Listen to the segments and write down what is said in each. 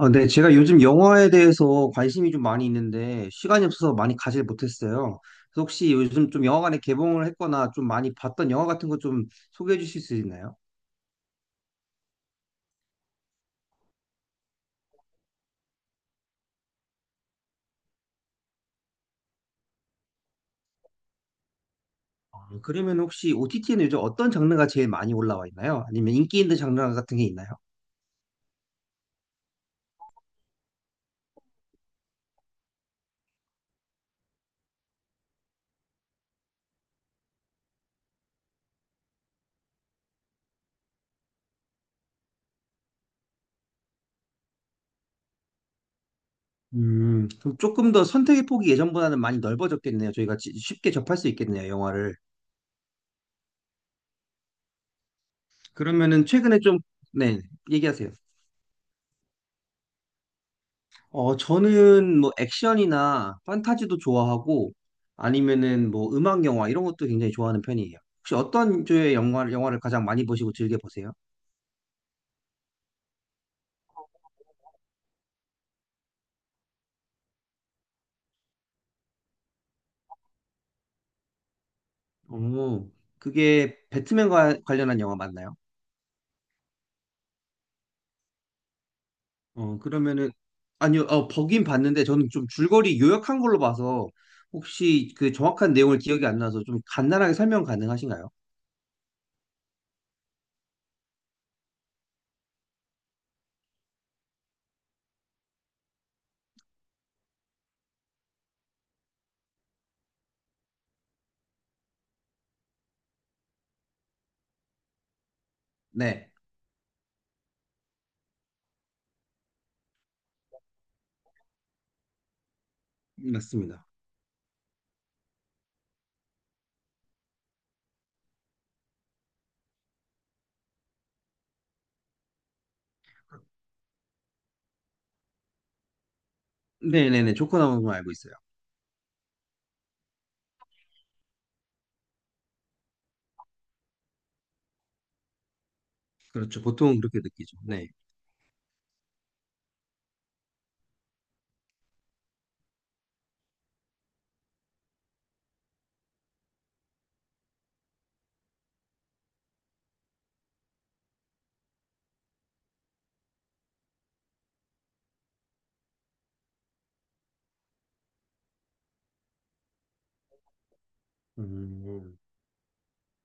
아, 네, 제가 요즘 영화에 대해서 관심이 좀 많이 있는데 시간이 없어서 많이 가질 못했어요. 그래서 혹시 요즘 좀 영화관에 개봉을 했거나 좀 많이 봤던 영화 같은 거 좀 소개해 주실 수 있나요? 아, 그러면 혹시 OTT에는 요즘 어떤 장르가 제일 많이 올라와 있나요? 아니면 인기 있는 장르 같은 게 있나요? 그럼 조금 더 선택의 폭이 예전보다는 많이 넓어졌겠네요. 저희가 쉽게 접할 수 있겠네요, 영화를. 그러면은 최근에 좀, 네, 얘기하세요. 어, 저는 뭐 액션이나 판타지도 좋아하고 아니면은 뭐 음악 영화 이런 것도 굉장히 좋아하는 편이에요. 혹시 어떤 조의 영화를 가장 많이 보시고 즐겨 보세요? 어, 그게 배트맨과 관련한 영화 맞나요? 어, 그러면은 아니요, 어, 보긴 봤는데 저는 좀 줄거리 요약한 걸로 봐서 혹시 그 정확한 내용을 기억이 안 나서 좀 간단하게 설명 가능하신가요? 네, 맞습니다. 네네네, 조커 나오는 걸 알고 있어요. 그렇죠, 보통 그렇게 느끼죠. 네. 음.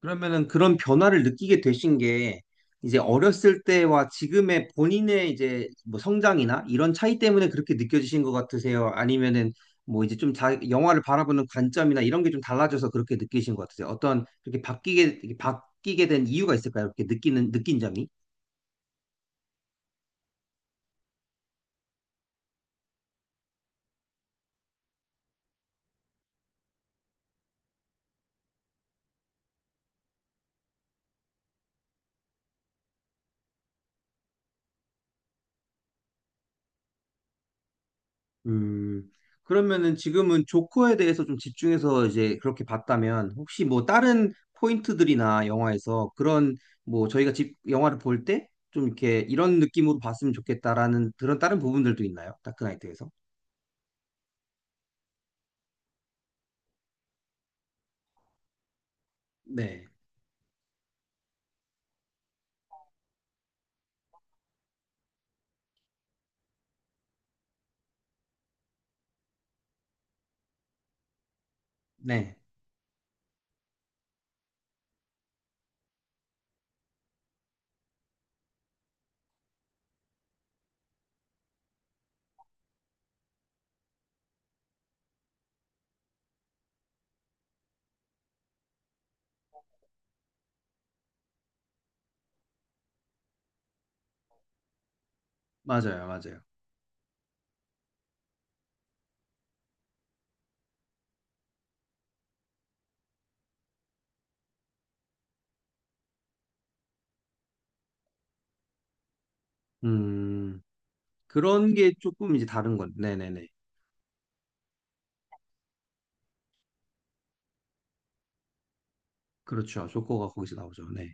그러면은 그런 변화를 느끼게 되신 게 이제 어렸을 때와 지금의 본인의 이제 뭐 성장이나 이런 차이 때문에 그렇게 느껴지신 것 같으세요? 아니면은 뭐 이제 영화를 바라보는 관점이나 이런 게 좀 달라져서 그렇게 느끼신 것 같으세요? 어떤 그렇게 바뀌게 이렇게 바뀌게 된 이유가 있을까요? 이렇게 느끼는 느낀 점이? 음, 그러면은 지금은 조커에 대해서 좀 집중해서 이제 그렇게 봤다면 혹시 뭐 다른 포인트들이나 영화에서 그런 뭐 저희가 집 영화를 볼 때 좀 이렇게 이런 느낌으로 봤으면 좋겠다라는 그런 다른 부분들도 있나요? 다크나이트에서? 네, 네, 맞아요, 맞아요. 음, 그런 게 조금 이제 다른 건, 네네네. 그렇죠. 조커가 거기서 나오죠. 네.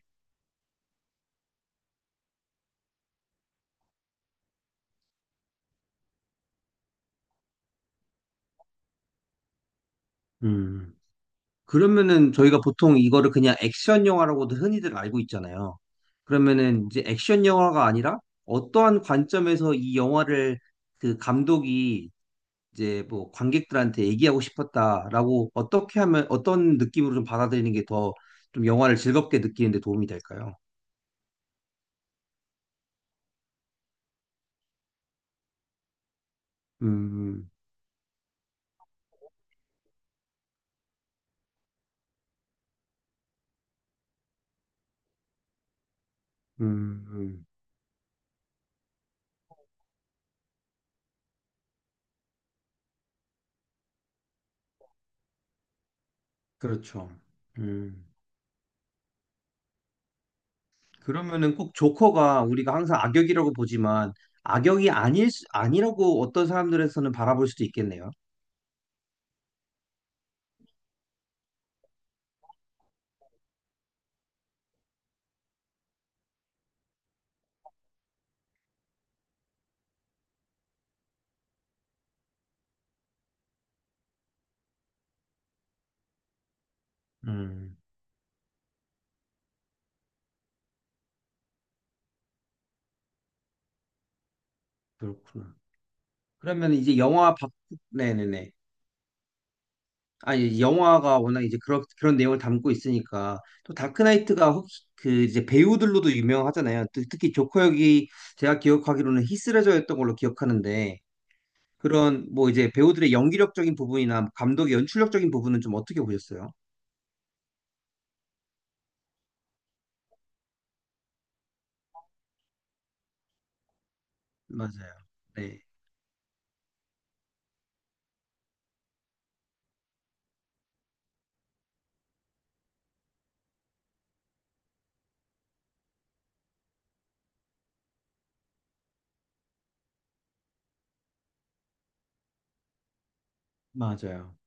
음. 그러면은 저희가 보통 이거를 그냥 액션 영화라고도 흔히들 알고 있잖아요. 그러면은 이제 액션 영화가 아니라 어떠한 관점에서 이 영화를 그 감독이 이제 뭐 관객들한테 얘기하고 싶었다라고 어떻게 하면 어떤 느낌으로 좀 받아들이는 게 더 좀 영화를 즐겁게 느끼는 데 도움이 될까요? 음, 음, 음, 그렇죠. 음. 그러면은 꼭 조커가 우리가 항상 악역이라고 보지만 아니라고 어떤 사람들에서는 바라볼 수도 있겠네요. 음, 그렇구나. 그러면 이제 영화 밖, 네네네. 아니, 영화가 워낙 이제 그런 내용을 담고 있으니까, 또 다크나이트가 혹시 그 이제 배우들로도 유명하잖아요. 특히 조커 역이 제가 기억하기로는 히스레저였던 걸로 기억하는데, 그런 뭐 이제 배우들의 연기력적인 부분이나 감독의 연출력적인 부분은 좀 어떻게 보셨어요? 맞아요. 네, 맞아요.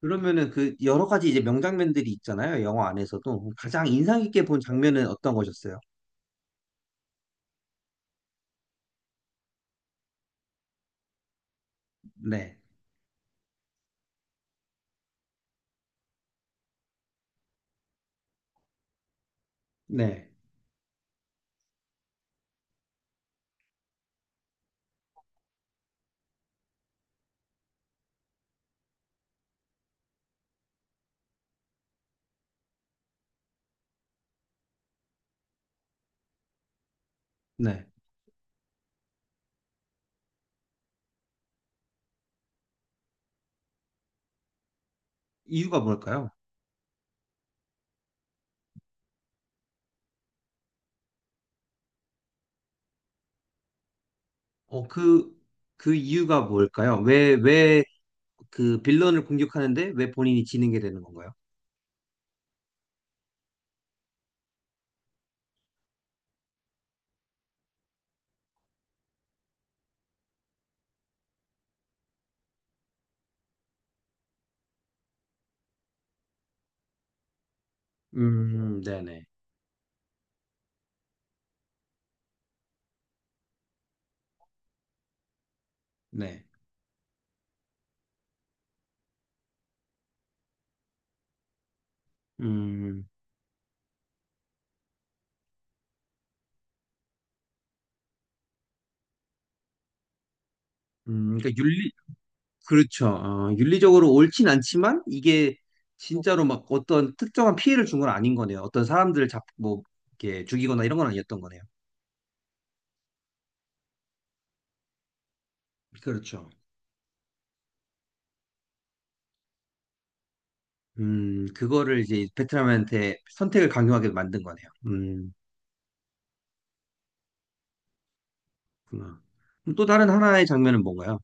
그러면은 그 여러 가지 이제 명장면들이 있잖아요. 영화 안에서도. 가장 인상 깊게 본 장면은 어떤 거셨어요? 네, 네. 네. 이유가 뭘까요? 어, 그, 그 이유가 뭘까요? 왜, 왜 그 빌런을 공격하는데 왜 본인이 지는 게 되는 건가요? 네네. 네. 음, 그러니까 윤리, 그렇죠. 어, 윤리적으로 옳진 않지만 이게 진짜로 막 어떤 특정한 피해를 준 건 아닌 거네요. 어떤 이렇게 죽이거나 이런 건 아니었던 거네요. 그렇죠. 그거를 이제 베트남한테 선택을 강요하게 만든 거네요. 그렇구나. 그럼 또 다른 하나의 장면은 뭔가요?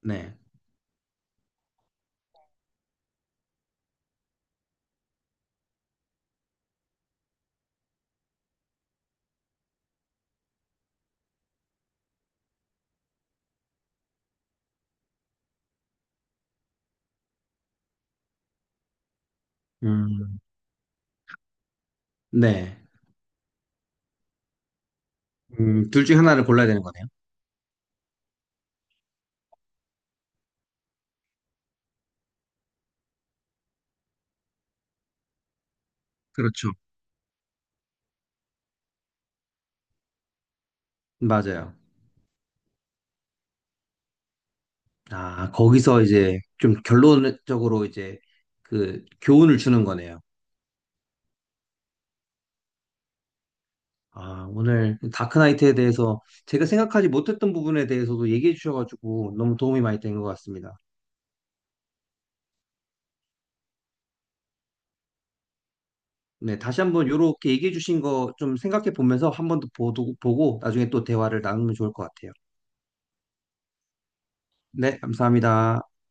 네. 음, 네. 둘 중에 하나를 골라야 되는 거네요. 그렇죠. 맞아요. 아, 거기서 이제 좀 결론적으로 이제 그 교훈을 주는 거네요. 아, 오늘 다크나이트에 대해서 제가 생각하지 못했던 부분에 대해서도 얘기해 주셔가지고 너무 도움이 많이 된 것 같습니다. 네, 다시 한번 요렇게 얘기해 주신 거 좀 생각해 보면서 한 번 더 보고 나중에 또 대화를 나누면 좋을 것 같아요. 네, 감사합니다.